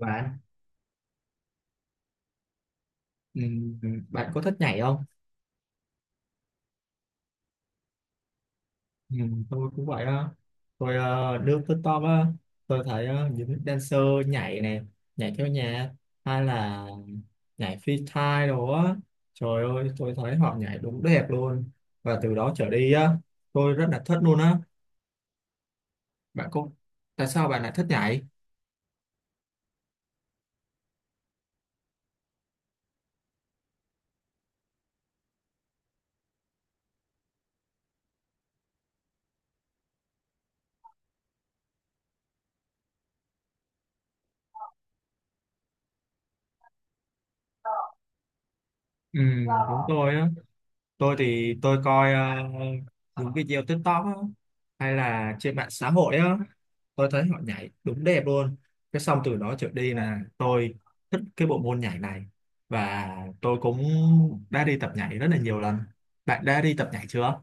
Bạn. Ừ. Ừ, bạn có thích nhảy không? Ừ, tôi cũng vậy đó. Tôi lướt TikTok á. Tôi thấy những dancer nhảy này, nhảy theo nhạc, hay là nhảy freestyle đồ á. Trời ơi, tôi thấy họ nhảy đúng đẹp luôn. Và từ đó trở đi á, tôi rất là thích luôn á. Bạn có Tại sao bạn lại thích nhảy? Ừ, đúng tôi á. Tôi thì tôi coi những video TikTok á, hay là trên mạng xã hội á. Tôi thấy họ nhảy đúng đẹp luôn. Cái xong từ đó trở đi là tôi thích cái bộ môn nhảy này. Và tôi cũng đã đi tập nhảy rất là nhiều lần. Bạn đã đi tập nhảy chưa?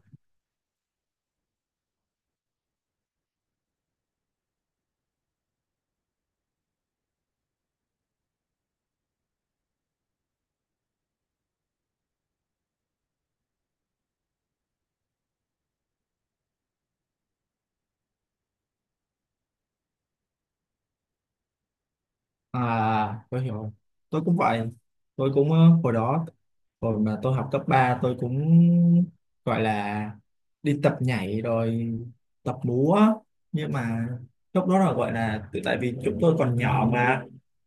À, tôi hiểu. Tôi cũng vậy. Tôi cũng hồi đó, hồi mà tôi học cấp ba, tôi cũng gọi là đi tập nhảy rồi, tập múa. Nhưng mà lúc đó là gọi là tại vì chúng tôi còn nhỏ mà,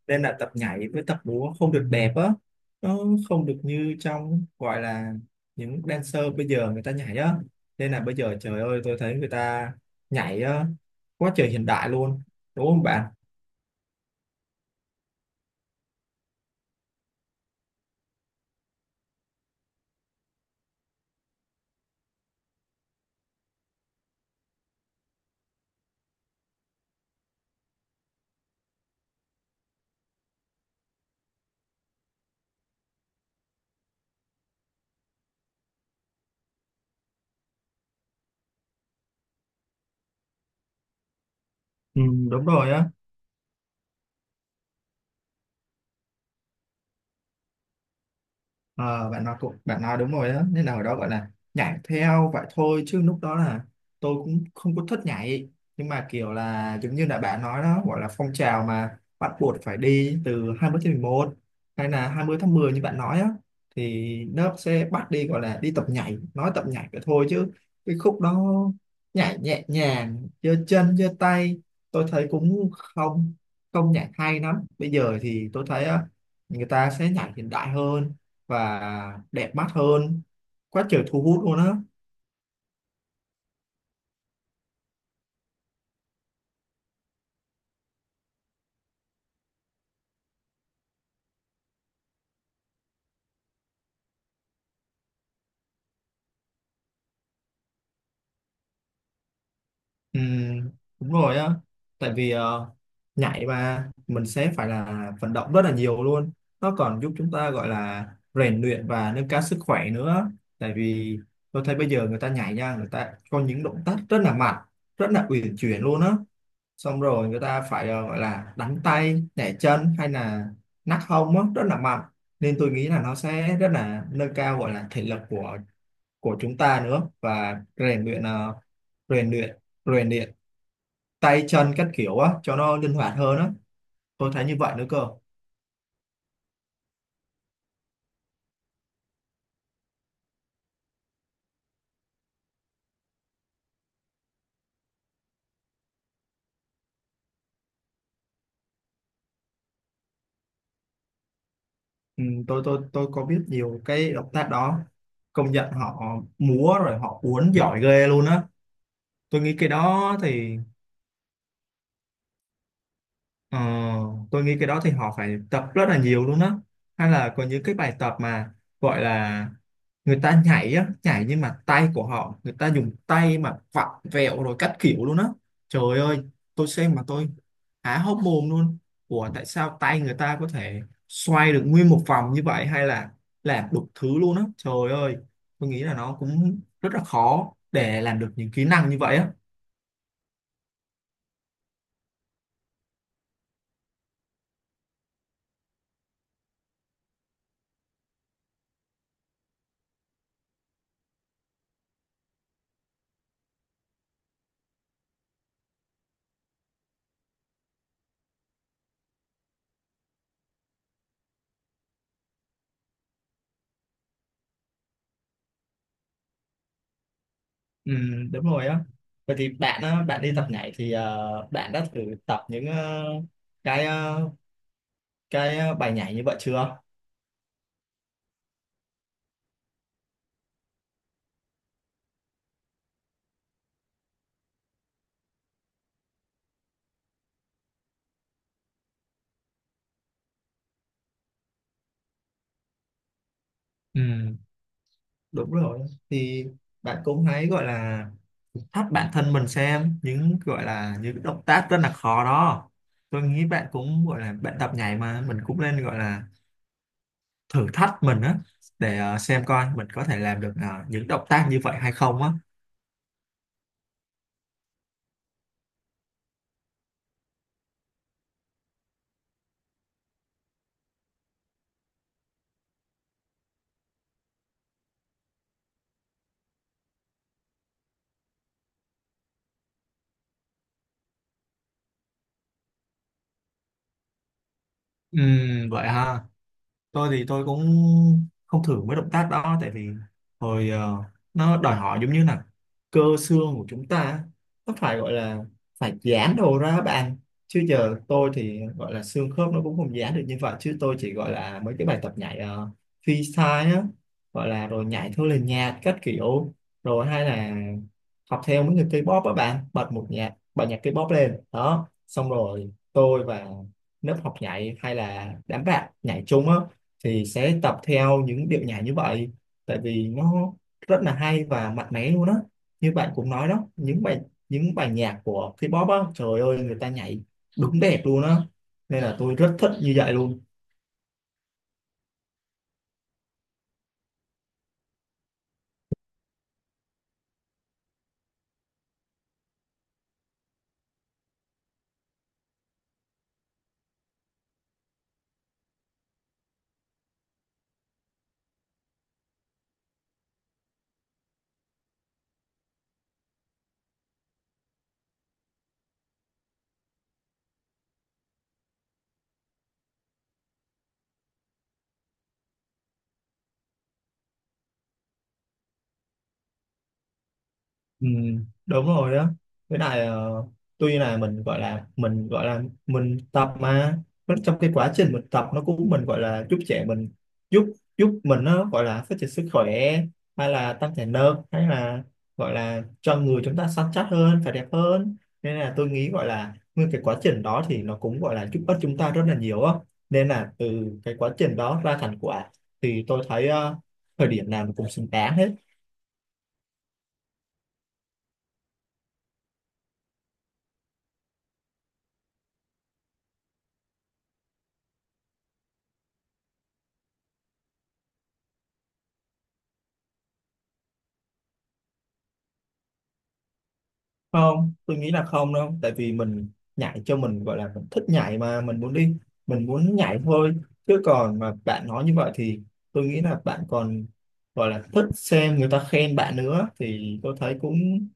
nên là tập nhảy với tập múa không được đẹp á. Nó không được như trong gọi là những dancer bây giờ người ta nhảy á. Nên là bây giờ trời ơi, tôi thấy người ta nhảy á, quá trời hiện đại luôn. Đúng không bạn? Ừ, đúng rồi á. Ờ, bạn nói cũng bạn nói đúng rồi đó, nên là ở đó gọi là nhảy theo vậy thôi, chứ lúc đó là tôi cũng không có thích nhảy. Nhưng mà kiểu là giống như là bạn nói đó, gọi là phong trào mà bắt buộc phải đi, từ 20/11 hay là 20/10 như bạn nói á, thì lớp sẽ bắt đi, gọi là đi tập nhảy. Nói tập nhảy vậy thôi chứ cái khúc đó nhảy nhẹ nhàng, giơ chân giơ tay, tôi thấy cũng không không nhảy hay lắm. Bây giờ thì tôi thấy á, người ta sẽ nhảy hiện đại hơn và đẹp mắt hơn, quá trời thu hút luôn á. Ừ, đúng rồi á. Tại vì nhảy mà mình sẽ phải là vận động rất là nhiều luôn. Nó còn giúp chúng ta gọi là rèn luyện và nâng cao sức khỏe nữa. Tại vì tôi thấy bây giờ người ta nhảy nha, người ta có những động tác rất là mạnh, rất là uyển chuyển luôn á. Xong rồi người ta phải gọi là đánh tay nhảy chân, hay là nắc hông á, rất là mạnh. Nên tôi nghĩ là nó sẽ rất là nâng cao, gọi là thể lực của chúng ta nữa, và rèn luyện ờ, rèn luyện rèn luyện tay chân các kiểu á cho nó linh hoạt hơn á. Tôi thấy như vậy nữa cơ. Ừ, tôi có biết nhiều cái động tác đó. Công nhận họ múa rồi họ uốn giỏi ghê luôn á. tôi nghĩ cái đó thì Ờ, tôi nghĩ cái đó thì họ phải tập rất là nhiều luôn đó. Hay là có những cái bài tập mà gọi là người ta nhảy á, nhảy nhưng mà tay của họ, người ta dùng tay mà vặn vẹo rồi các kiểu luôn á. Trời ơi, tôi xem mà tôi há hốc mồm luôn. Ủa tại sao tay người ta có thể xoay được nguyên một vòng như vậy, hay là làm đủ thứ luôn á, trời ơi. Tôi nghĩ là nó cũng rất là khó để làm được những kỹ năng như vậy á. Ừ, đúng rồi á. Vậy thì bạn á, bạn đi tập nhảy thì bạn đã thử tập những ờ, cái ờ, cái ờ, bài nhảy như vậy chưa? Ừ, đúng rồi. Thì bạn cũng hãy gọi là thách bản thân mình, xem những gọi là những động tác rất là khó đó. Tôi nghĩ bạn cũng gọi là bạn tập nhảy mà mình cũng nên gọi là thử thách mình á, để xem coi mình có thể làm được những động tác như vậy hay không á. Ừ, vậy ha. Tôi thì tôi cũng không thử mấy động tác đó, tại vì hồi ờ, nó đòi hỏi giống như là cơ xương của chúng ta á, nó phải gọi là phải giãn đồ ra á bạn. Chứ giờ tôi thì gọi là xương khớp nó cũng không giãn được như vậy, chứ tôi chỉ gọi là mấy cái bài tập nhảy freestyle á, gọi là rồi nhảy theo lời nhạc các kiểu, rồi hay là học theo mấy người K-pop á bạn. Bật nhạc K-pop lên đó, xong rồi tôi và lớp học nhảy, hay là đám bạn nhảy chung á, thì sẽ tập theo những điệu nhảy như vậy. Tại vì nó rất là hay và mạnh mẽ luôn á. Như bạn cũng nói đó, những bài nhạc của K-pop á, trời ơi người ta nhảy đúng đẹp luôn á. Nên là tôi rất thích như vậy luôn. Ừ, đúng rồi đó. Với lại tuy là mình gọi là mình tập, mà vẫn trong cái quá trình mình tập, nó cũng mình gọi là giúp giúp mình, nó gọi là phát triển sức khỏe, hay là tăng thể lực, hay là gọi là cho người chúng ta săn chắc hơn và đẹp hơn. Nên là tôi nghĩ gọi là nguyên cái quá trình đó thì nó cũng gọi là giúp ích chúng ta rất là nhiều á. Nên là từ cái quá trình đó ra thành quả, thì tôi thấy thời điểm nào nó cũng xứng đáng hết. Không, tôi nghĩ là không đâu, tại vì mình nhảy cho mình, gọi là mình thích nhảy mà, mình muốn đi mình muốn nhảy thôi. Chứ còn mà bạn nói như vậy thì tôi nghĩ là bạn còn gọi là thích xem người ta khen bạn nữa, thì tôi thấy cũng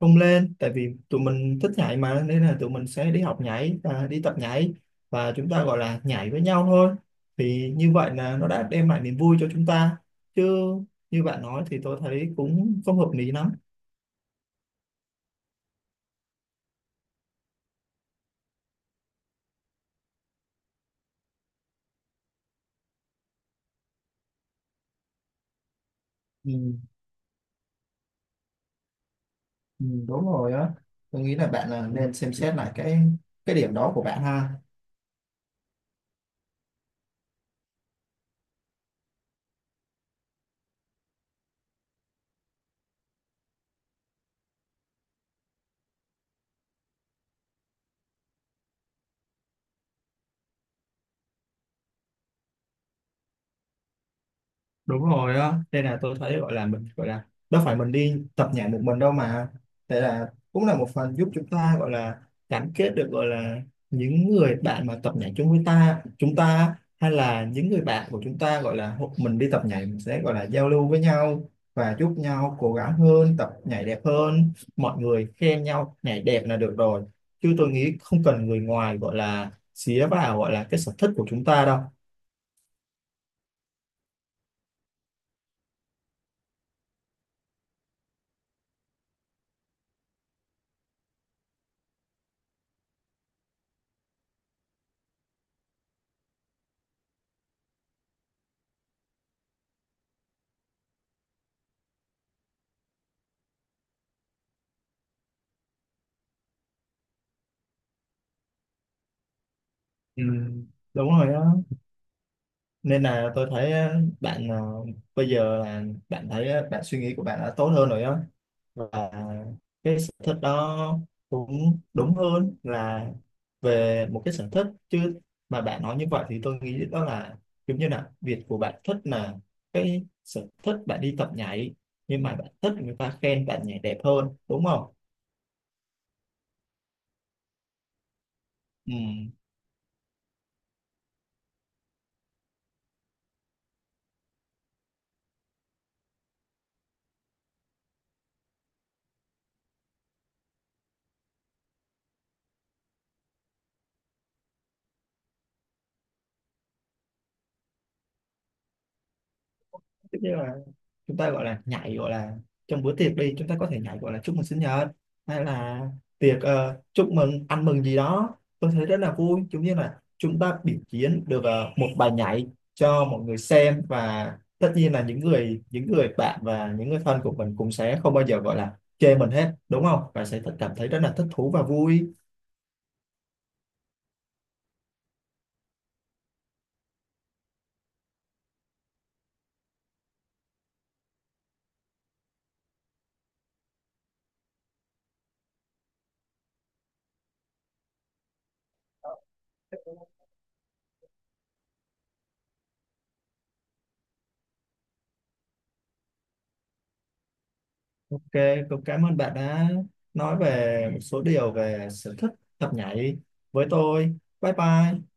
không lên. Tại vì tụi mình thích nhảy mà, nên là tụi mình sẽ đi học nhảy và đi tập nhảy, và chúng ta gọi là nhảy với nhau thôi. Thì như vậy là nó đã đem lại niềm vui cho chúng ta, chứ như bạn nói thì tôi thấy cũng không hợp lý lắm. Ừ. Ừ, đúng rồi á. Tôi nghĩ là bạn là nên xem xét lại cái điểm đó của bạn ha. Đúng rồi á, đây là tôi thấy gọi là mình gọi là đâu phải mình đi tập nhảy một mình đâu mà. Đây là cũng là một phần giúp chúng ta gọi là gắn kết được, gọi là những người bạn mà tập nhảy chung với ta chúng ta, hay là những người bạn của chúng ta gọi là mình đi tập nhảy mình sẽ gọi là giao lưu với nhau, và giúp nhau cố gắng hơn, tập nhảy đẹp hơn. Mọi người khen nhau nhảy đẹp là được rồi, chứ tôi nghĩ không cần người ngoài gọi là xía vào gọi là cái sở thích của chúng ta đâu. Ừ. Đúng rồi á, nên là tôi thấy á, bạn bây giờ là bạn thấy á, bạn suy nghĩ của bạn đã tốt hơn rồi á. Và cái sở thích đó cũng đúng hơn là về một cái sở thích. Chứ mà bạn nói như vậy thì tôi nghĩ đó là giống như là việc của bạn thích là cái sở thích bạn đi tập nhảy, nhưng mà bạn thích người ta khen bạn nhảy đẹp hơn, đúng không? Ừ. Chúng ta gọi là nhảy, gọi là trong bữa tiệc đi, chúng ta có thể nhảy gọi là chúc mừng sinh nhật, hay là tiệc chúc mừng ăn mừng gì đó, tôi thấy rất là vui, giống như là chúng ta biểu diễn được một bài nhảy cho mọi người xem. Và tất nhiên là những người bạn và những người thân của mình cũng sẽ không bao giờ gọi là chê mình hết, đúng không, và sẽ cảm thấy rất là thích thú và vui. OK, cũng cảm ơn bạn đã nói về một số điều về sở thích tập nhảy với tôi. Bye bye.